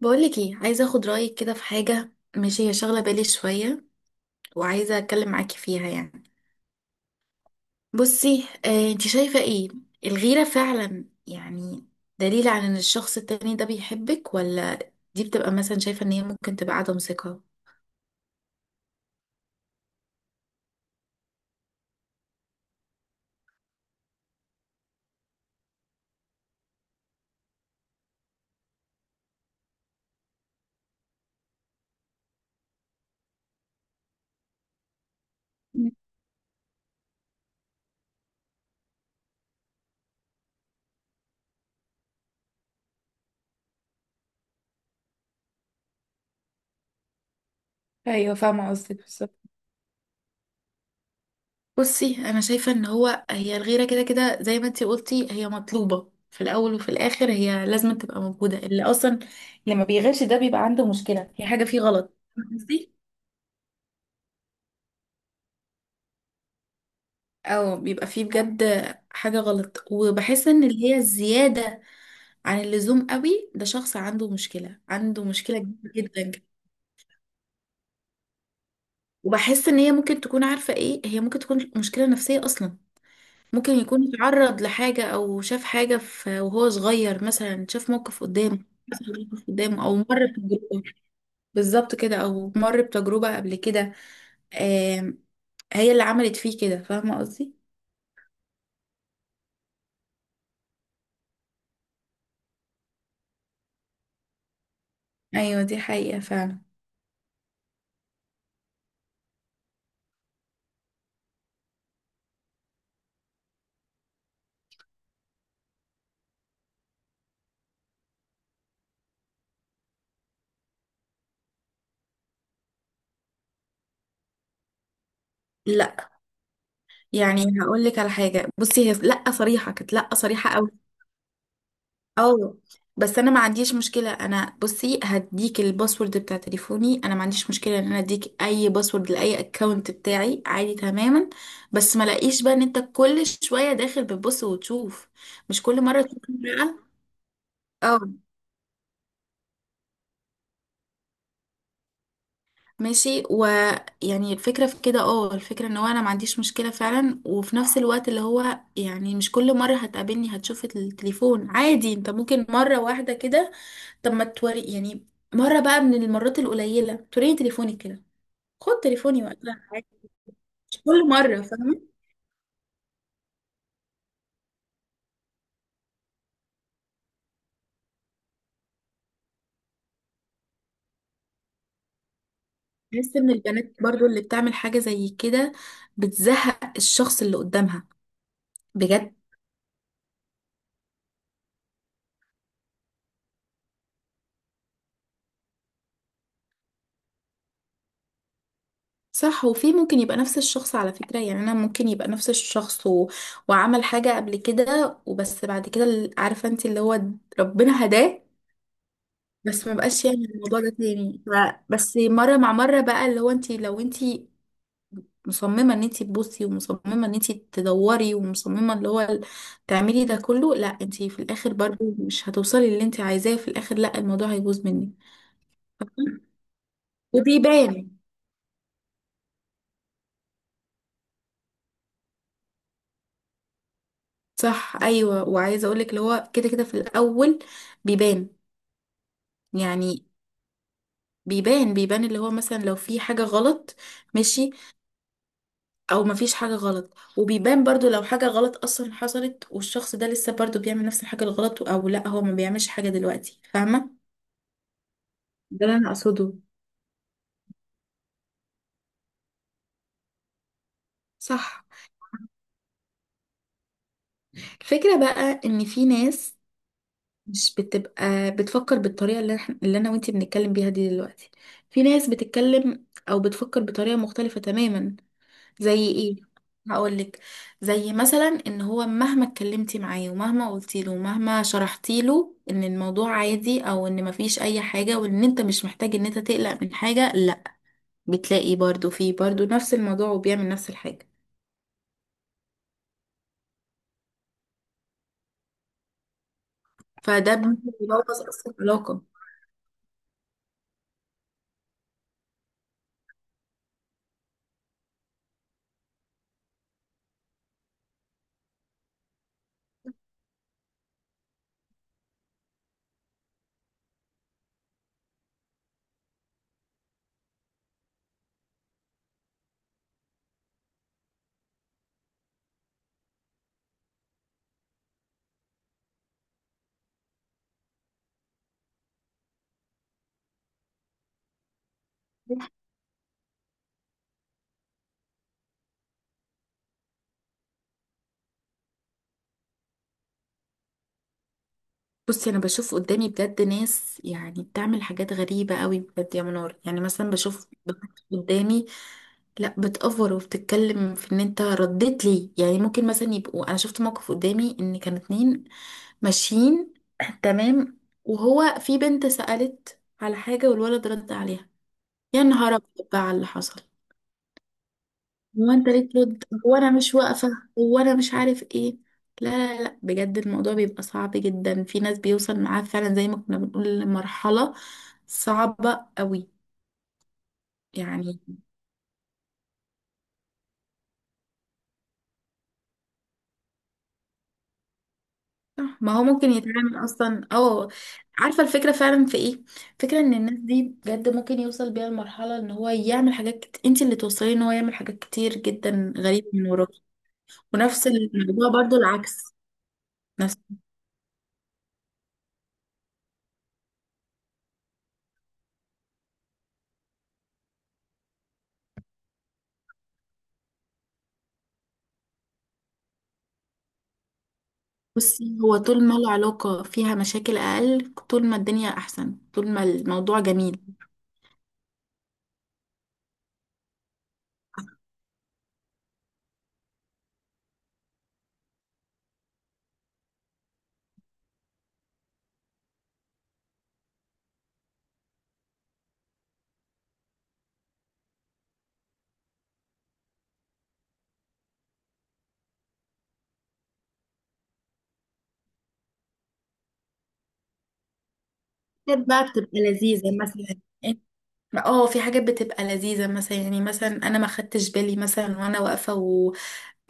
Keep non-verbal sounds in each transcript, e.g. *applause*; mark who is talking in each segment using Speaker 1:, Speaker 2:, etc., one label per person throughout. Speaker 1: بقولك ايه، عايزه اخد رايك كده في حاجه، ماشي؟ هي شغله بالي شويه وعايزه اتكلم معاكي فيها يعني. بصي آه، انت شايفه ايه؟ الغيره فعلا يعني دليل على ان الشخص التاني ده بيحبك، ولا دي بتبقى مثلا شايفه ان هي ممكن تبقى عدم ثقه؟ مم. ايوه فاهمه قصدك بالظبط. بصي انا شايفه ان هو هي الغيره كده كده زي ما انت قلتي، هي مطلوبه في الاول وفي الاخر، هي لازم تبقى موجوده. اللي اصلا اللي ما بيغيرش ده بيبقى عنده مشكله، في حاجه فيه غلط، فاهمة قصدي؟ او بيبقى فيه بجد حاجة غلط. وبحس ان اللي هي الزيادة عن اللزوم قوي، ده شخص عنده مشكلة، عنده مشكلة كبيرة جدا. وبحس ان هي ممكن تكون، عارفة ايه؟ هي ممكن تكون مشكلة نفسية اصلا. ممكن يكون اتعرض لحاجة او شاف حاجة، في وهو صغير مثلا شاف موقف قدامه. حصل موقف قدامه او مر بتجربة. بالظبط كده، او مر بتجربة قبل كده. آم، هي اللي عملت فيه كده، فاهمة قصدي؟ ايوه دي حقيقة فعلا. لا، يعني هقول لك على حاجه. بصي هي لا صريحه، كانت لا صريحه قوي. اه. بس انا ما عنديش مشكله. انا بصي هديك الباسورد بتاع تليفوني، انا ما عنديش مشكله ان انا اديك اي باسورد لاي اكونت بتاعي، عادي تماما. بس ما لاقيش بقى ان انت كل شويه داخل بتبص وتشوف، مش كل مره تشوف امرأة. اه. ماشي، ويعني الفكره في كده. اه، الفكره ان هو انا ما عنديش مشكله فعلا، وفي نفس الوقت اللي هو يعني مش كل مره هتقابلني هتشوف التليفون. عادي انت ممكن مره واحده كده، طب ما توري يعني. مرة بقى من المرات القليلة توريني تليفونك كده، خد تليفوني وقتها عادي. مش كل مرة، فاهمة؟ بحس ان البنات برضو اللي بتعمل حاجة زي كده بتزهق الشخص اللي قدامها، بجد. صح. وفي ممكن يبقى نفس الشخص على فكرة، يعني أنا ممكن يبقى نفس الشخص وعمل حاجة قبل كده وبس بعد كده عارفة انت اللي هو ربنا هداه. بس ما بقاش يعني الموضوع ده تاني. بس مرة مع مرة بقى، اللي هو انت لو انت مصممة ان انتي تبصي، ومصممة ان انتي تدوري، ومصممة اللي هو تعملي ده كله، لا، انتي في الاخر برضه مش هتوصلي اللي انتي عايزاه. في الاخر لا، الموضوع هيبوظ منك وبيبان. صح ايوه، وعايزه اقولك اللي هو كده كده في الاول بيبان. يعني بيبان اللي هو مثلا لو في حاجه غلط، ماشي، او مفيش حاجه غلط. وبيبان برضو لو حاجه غلط اصلا حصلت والشخص ده لسه برضو بيعمل نفس الحاجه الغلط، او لا هو ما بيعملش حاجه دلوقتي، فاهمه؟ ده اللي انا اقصده. صح. الفكرة بقى ان في ناس مش بتبقى بتفكر بالطريقة اللي، احنا اللي انا وانتي بنتكلم بيها دي دلوقتي. في ناس بتتكلم او بتفكر بطريقة مختلفة تماما. زي ايه؟ هقولك. زي مثلا ان هو مهما اتكلمتي معاه ومهما قلتي له ومهما شرحتي له ان الموضوع عادي او ان مفيش اي حاجة وان انت مش محتاج ان انت تقلق من حاجة، لا، بتلاقي برضو فيه نفس الموضوع وبيعمل نفس الحاجة. فده بيبوظ اصلا العلاقة. بصي انا بشوف قدامي بجد ناس يعني بتعمل حاجات غريبه قوي بجد، يا منار. يعني مثلا بشوف بنات قدامي لا بتأفور وبتتكلم في ان انت رديت لي. يعني ممكن مثلا يبقوا، انا شفت موقف قدامي ان كانوا اتنين ماشيين، *clears throat* تمام، وهو في بنت سألت على حاجه والولد رد عليها. يا نهار ابيض بقى على اللي حصل! هو انت ليه ترد؟ هو انا مش واقفه؟ هو انا مش عارف ايه. لا لا لا، بجد الموضوع بيبقى صعب جدا. في ناس بيوصل معاه فعلا زي ما كنا بنقول لمرحله صعبه قوي يعني. صح، ما هو ممكن يتعامل اصلا او. عارفه الفكره فعلا في ايه؟ فكره ان الناس دي بجد ممكن يوصل بيها لمرحله ان هو يعمل حاجات انت اللي توصلي ان هو يعمل حاجات كتير جدا غريبه من وراك. ونفس الموضوع برضو العكس. نفس بصي هو طول ما العلاقة فيها مشاكل أقل، طول ما الدنيا أحسن، طول ما الموضوع جميل. حاجات بقى بتبقى لذيذة مثلا يعني. اه، في حاجات بتبقى لذيذة مثلا، يعني مثلا أنا ما خدتش بالي مثلا وأنا واقفة و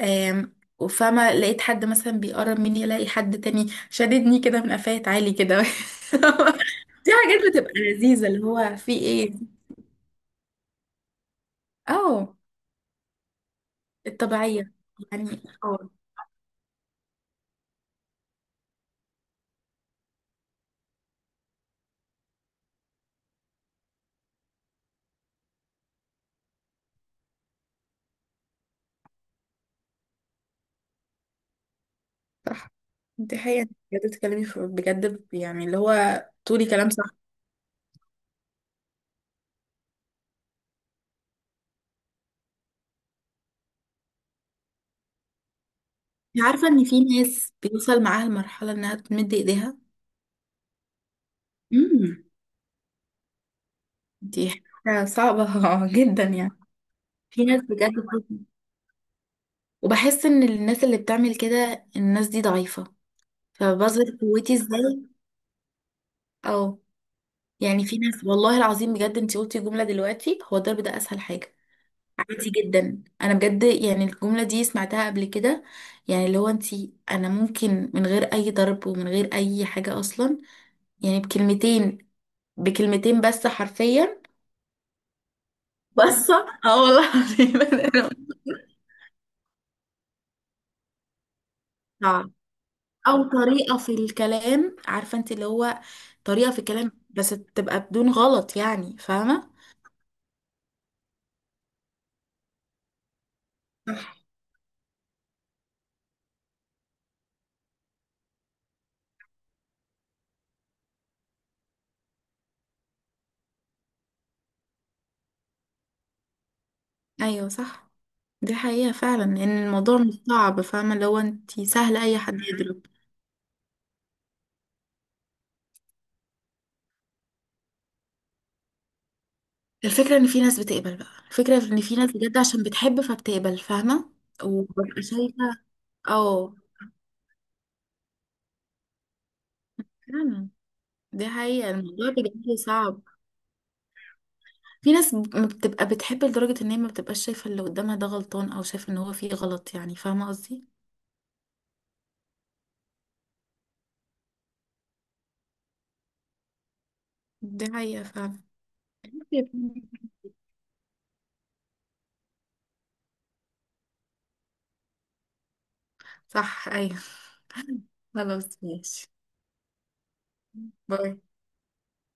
Speaker 1: آم، وفاهمة، لقيت حد مثلا بيقرب مني، ألاقي حد تاني شددني كده من قفاية عالي كده *laughs* دي حاجات بتبقى لذيذة، اللي هو في ايه. اه، الطبيعية. يعني آه. صح، دي حقيقة بجد. بتتكلمي بجد يعني اللي هو تقولي كلام صح. انت عارفة ان في ناس بيوصل معاها المرحلة انها تمد ايديها؟ امم، دي حاجة صعبة *laughs* جدا يعني. في ناس بجد بتوصل. وبحس ان الناس اللي بتعمل كده، الناس دي ضعيفة، فبظهر قوتي ازاي؟ او يعني في ناس، والله العظيم بجد انت قلتي جملة دلوقتي، هو الضرب ده اسهل حاجة. عادي جدا. انا بجد يعني الجمله دي سمعتها قبل كده. يعني اللي هو انتي، انا ممكن من غير اي ضرب ومن غير اي حاجه اصلا، يعني بكلمتين بس حرفيا. بس *laughs* اه والله العظيم *laughs* صعب. او طريقه في الكلام، عارفه انت اللي هو طريقه في الكلام، بس تبقى بدون غلط يعني، فاهمه؟ صح ايوه. صح، دي حقيقه فعلا ان الموضوع مش صعب، فاهمه اللي هو انتي؟ سهل اي حد يدرك. الفكرة ان في ناس بتقبل بقى، الفكرة ان في ناس بجد عشان بتحب فبتقبل، فاهمة؟ وببقى شايفة. اه، فعلا. دي حقيقة، الموضوع بجد صعب. في ناس ما بتبقى بتحب لدرجة ان هي ما بتبقاش شايفة اللي قدامها ده غلطان، او شايفة ان هو فيه غلط يعني، فاهمة قصدي؟ دي حقيقة فعلا. صح ايوه. *laughs* خلاص ماشي، باي.